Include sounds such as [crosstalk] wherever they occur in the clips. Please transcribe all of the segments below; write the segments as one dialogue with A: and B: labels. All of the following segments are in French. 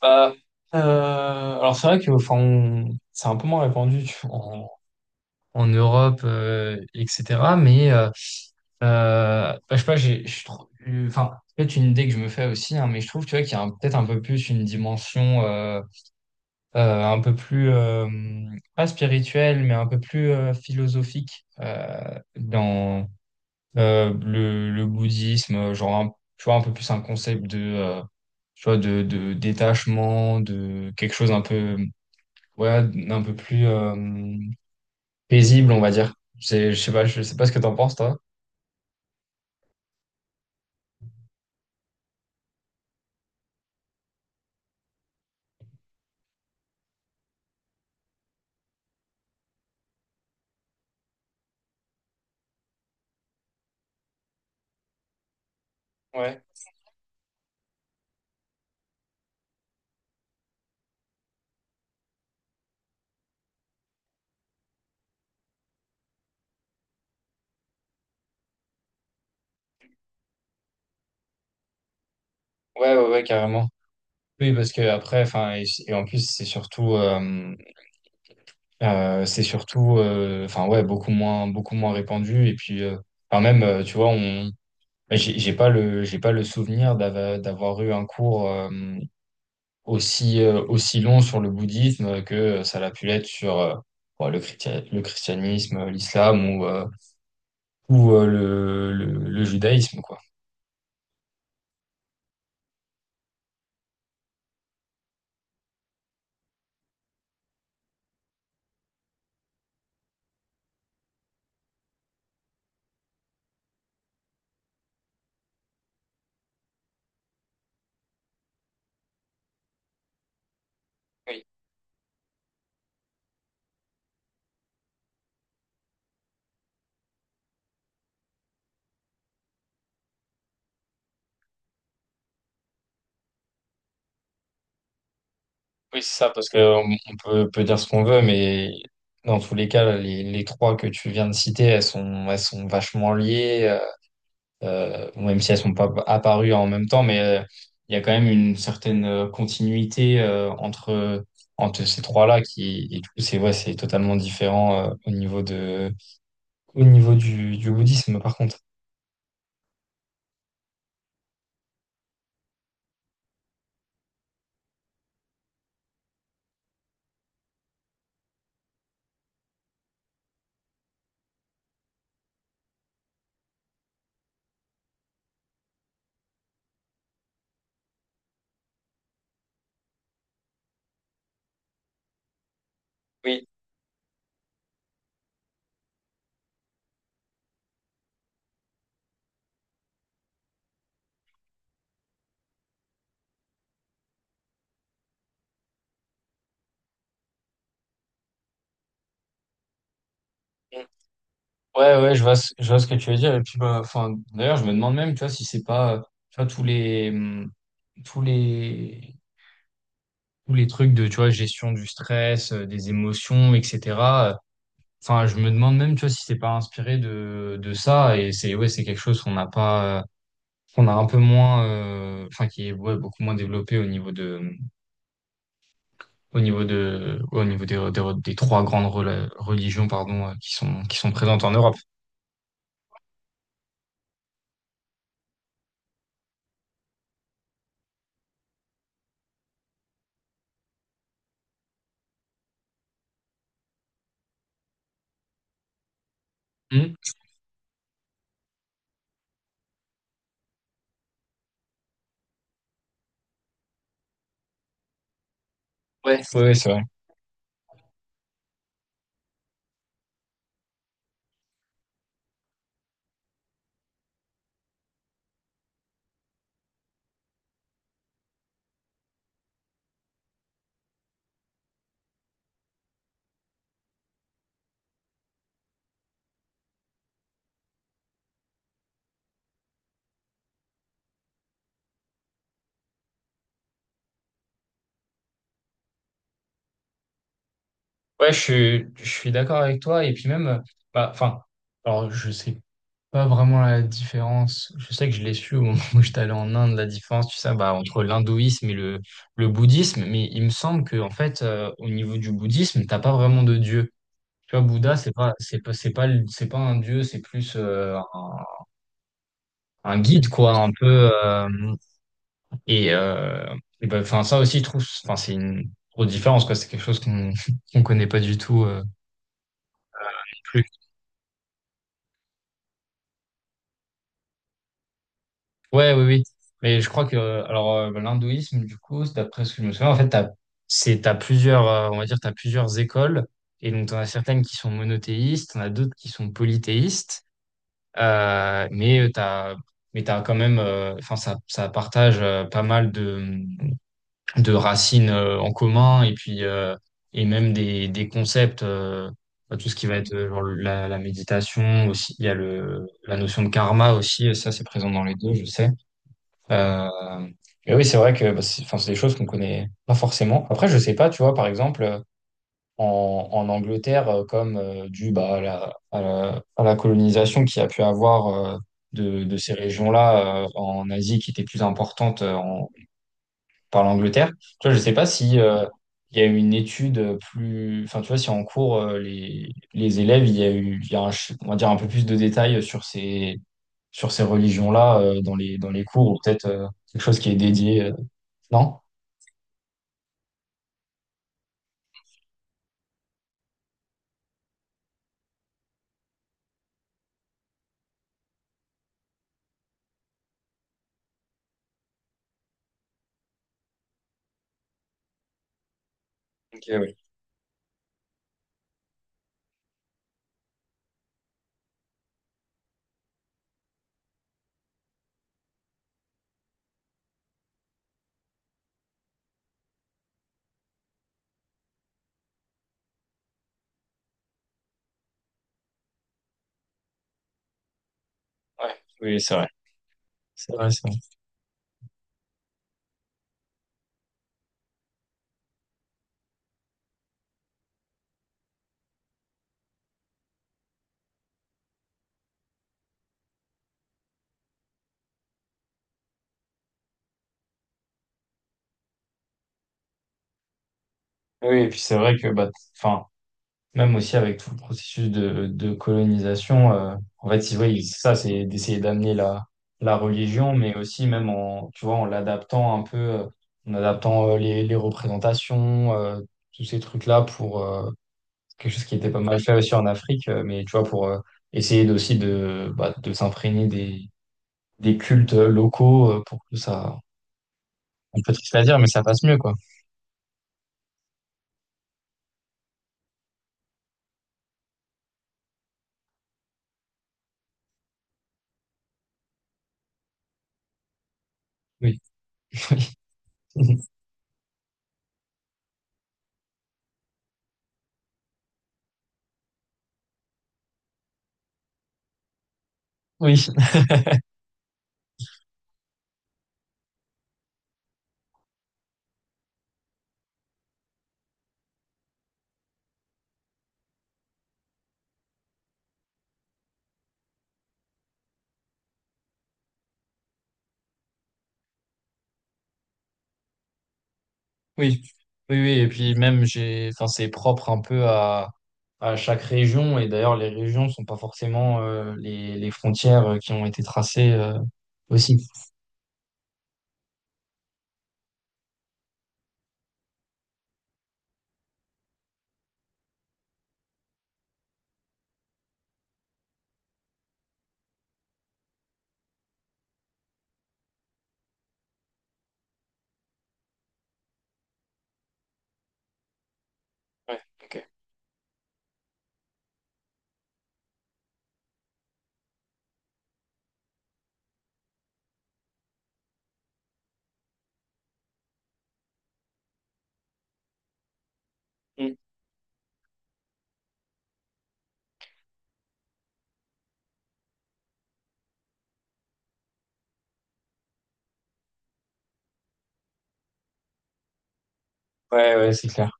A: Bah, alors c'est vrai que enfin, c'est un peu moins répandu tu vois, en Europe, etc. Mais je sais pas, je trouve, enfin, peut-être une idée que je me fais aussi, hein, mais je trouve tu vois, qu'il y a peut-être un peu plus une dimension un peu plus, pas spirituelle, mais un peu plus philosophique dans le bouddhisme, tu vois, un peu plus un concept de... tu vois, de détachement, de quelque chose un peu ouais, un peu plus paisible, on va dire. C'est, je sais pas ce que t'en penses, toi. Ouais. Ouais, ouais, ouais, carrément. Oui, parce que après, enfin, et en plus, c'est surtout, enfin, ouais, beaucoup moins répandu. Et puis, enfin, même, j'ai pas le, j'ai pas le souvenir d'avoir eu un cours, aussi, aussi long sur le bouddhisme que ça l'a pu l'être sur bon, le christianisme, l'islam ou, le judaïsme, quoi. Oui, oui, c'est ça, parce que on peut dire ce qu'on veut, mais dans tous les cas, les trois que tu viens de citer, elles sont vachement liées, même si elles sont pas apparues en même temps, mais il y a quand même une certaine continuité entre ces trois-là qui, et du coup, c'est ouais, c'est totalement différent au niveau de au niveau du bouddhisme, par contre. Oui. Mm. Ouais, ouais, je vois ce que tu veux dire. Et puis, bah, enfin, d'ailleurs, je me demande même, tu vois, si c'est pas, tu vois, tous les, tous les trucs de, tu vois, gestion du stress, des émotions, etc. euh, Enfin, je me demande même, tu vois, si c'est pas inspiré de ça. Et c'est, ouais, c'est quelque chose qu'on n'a pas, qu'on a un peu moins, enfin, qui est, ouais, beaucoup moins développé au niveau de, ouais, au niveau des, des trois grandes religions, pardon, qui sont présentes en Europe. Hmm. Ouais, ouais, ouais, c'est vrai. Ouais, je suis d'accord avec toi. Et puis même, bah, enfin, alors je sais pas vraiment la différence. Je sais que je l'ai su au moment [laughs] où j'étais allé en Inde, la différence, tu sais, bah, entre l'hindouisme et le bouddhisme. Mais il me semble que, en fait, au niveau du bouddhisme, t'as pas vraiment de dieu. Tu vois, Bouddha, c'est pas, c'est pas un dieu, c'est plus un guide, quoi, un peu. Et euh, et ben, enfin, ça aussi, je trouve, enfin, c'est une grosse différence, quoi. C'est quelque chose qu'on [laughs] qu'on connaît pas du tout. Euh. Ouais, oui, oui. Mais je crois que l'hindouisme, du coup, c'est d'après ce que je me souviens, en fait, t'as plusieurs, on va dire, t'as plusieurs écoles. Et donc, t'en as certaines qui sont monothéistes, t'en as d'autres qui sont polythéistes. Euh, mais euh, t'as, mais t'as quand même, enfin, ça partage pas mal de racines en commun et puis et même des concepts. Bah, tout ce qui va être genre la méditation aussi, il y a la notion de karma aussi, ça c'est présent dans les deux, je sais. Euh, mais oui, c'est vrai que bah, c'est, enfin, c'est des choses qu'on connaît pas forcément. Après, je sais pas, tu vois, par exemple, en Angleterre, comme dû bah, à à la colonisation qu'il y a pu avoir de ces régions-là en Asie qui étaient plus importantes par l'Angleterre. Tu vois, je sais pas si il y a eu une étude plus, enfin, tu vois, si en cours les élèves, il y a on va dire un peu plus de détails sur ces religions-là dans les cours ou peut-être quelque chose qui est dédié, non? Ok, oui. Ouais, oui, c'est vrai. C'est vrai, c'est vrai. Oui, et puis c'est vrai que bah, enfin. Même aussi avec tout le processus de colonisation, en fait, c'est vrai, c'est ça, c'est d'essayer d'amener la religion, mais aussi même en, tu vois, en l'adaptant un peu, en adaptant les représentations, tous ces trucs-là pour quelque chose qui était pas mal fait aussi en Afrique, mais tu vois, pour essayer aussi de, bah, de s'imprégner des cultes locaux pour que ça, on peut triste à dire, mais ça passe mieux, quoi. Oui. [laughs] Oui. Oui, oui, oui, et puis même j'ai, enfin c'est propre un peu à chaque région, et d'ailleurs les régions sont pas forcément les frontières qui ont été tracées aussi. Mm. Ouais, ouais, c'est clair.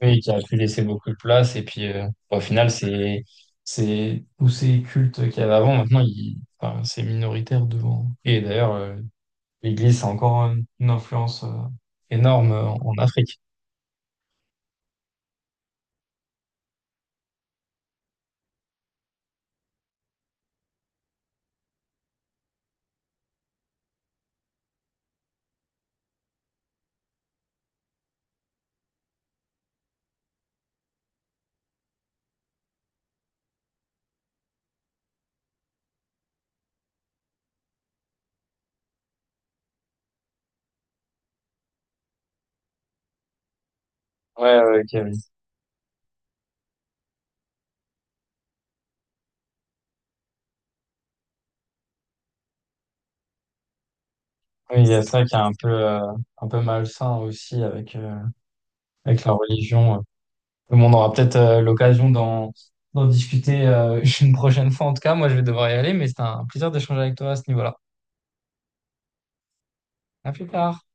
A: Oui, qui a pu laisser beaucoup de place, et puis au final c'est tous ces cultes qu'il y avait avant, maintenant ils, enfin, c'est minoritaire devant. Et d'ailleurs l'Église a encore une influence énorme en Afrique. Ouais, ouais, ok, oui. Oui, il y a ça qui est un peu malsain aussi avec, avec la religion. Mais bon, on aura peut-être l'occasion d'en discuter [laughs] une prochaine fois. En tout cas, moi, je vais devoir y aller, mais c'était un plaisir d'échanger avec toi à ce niveau-là. À plus tard.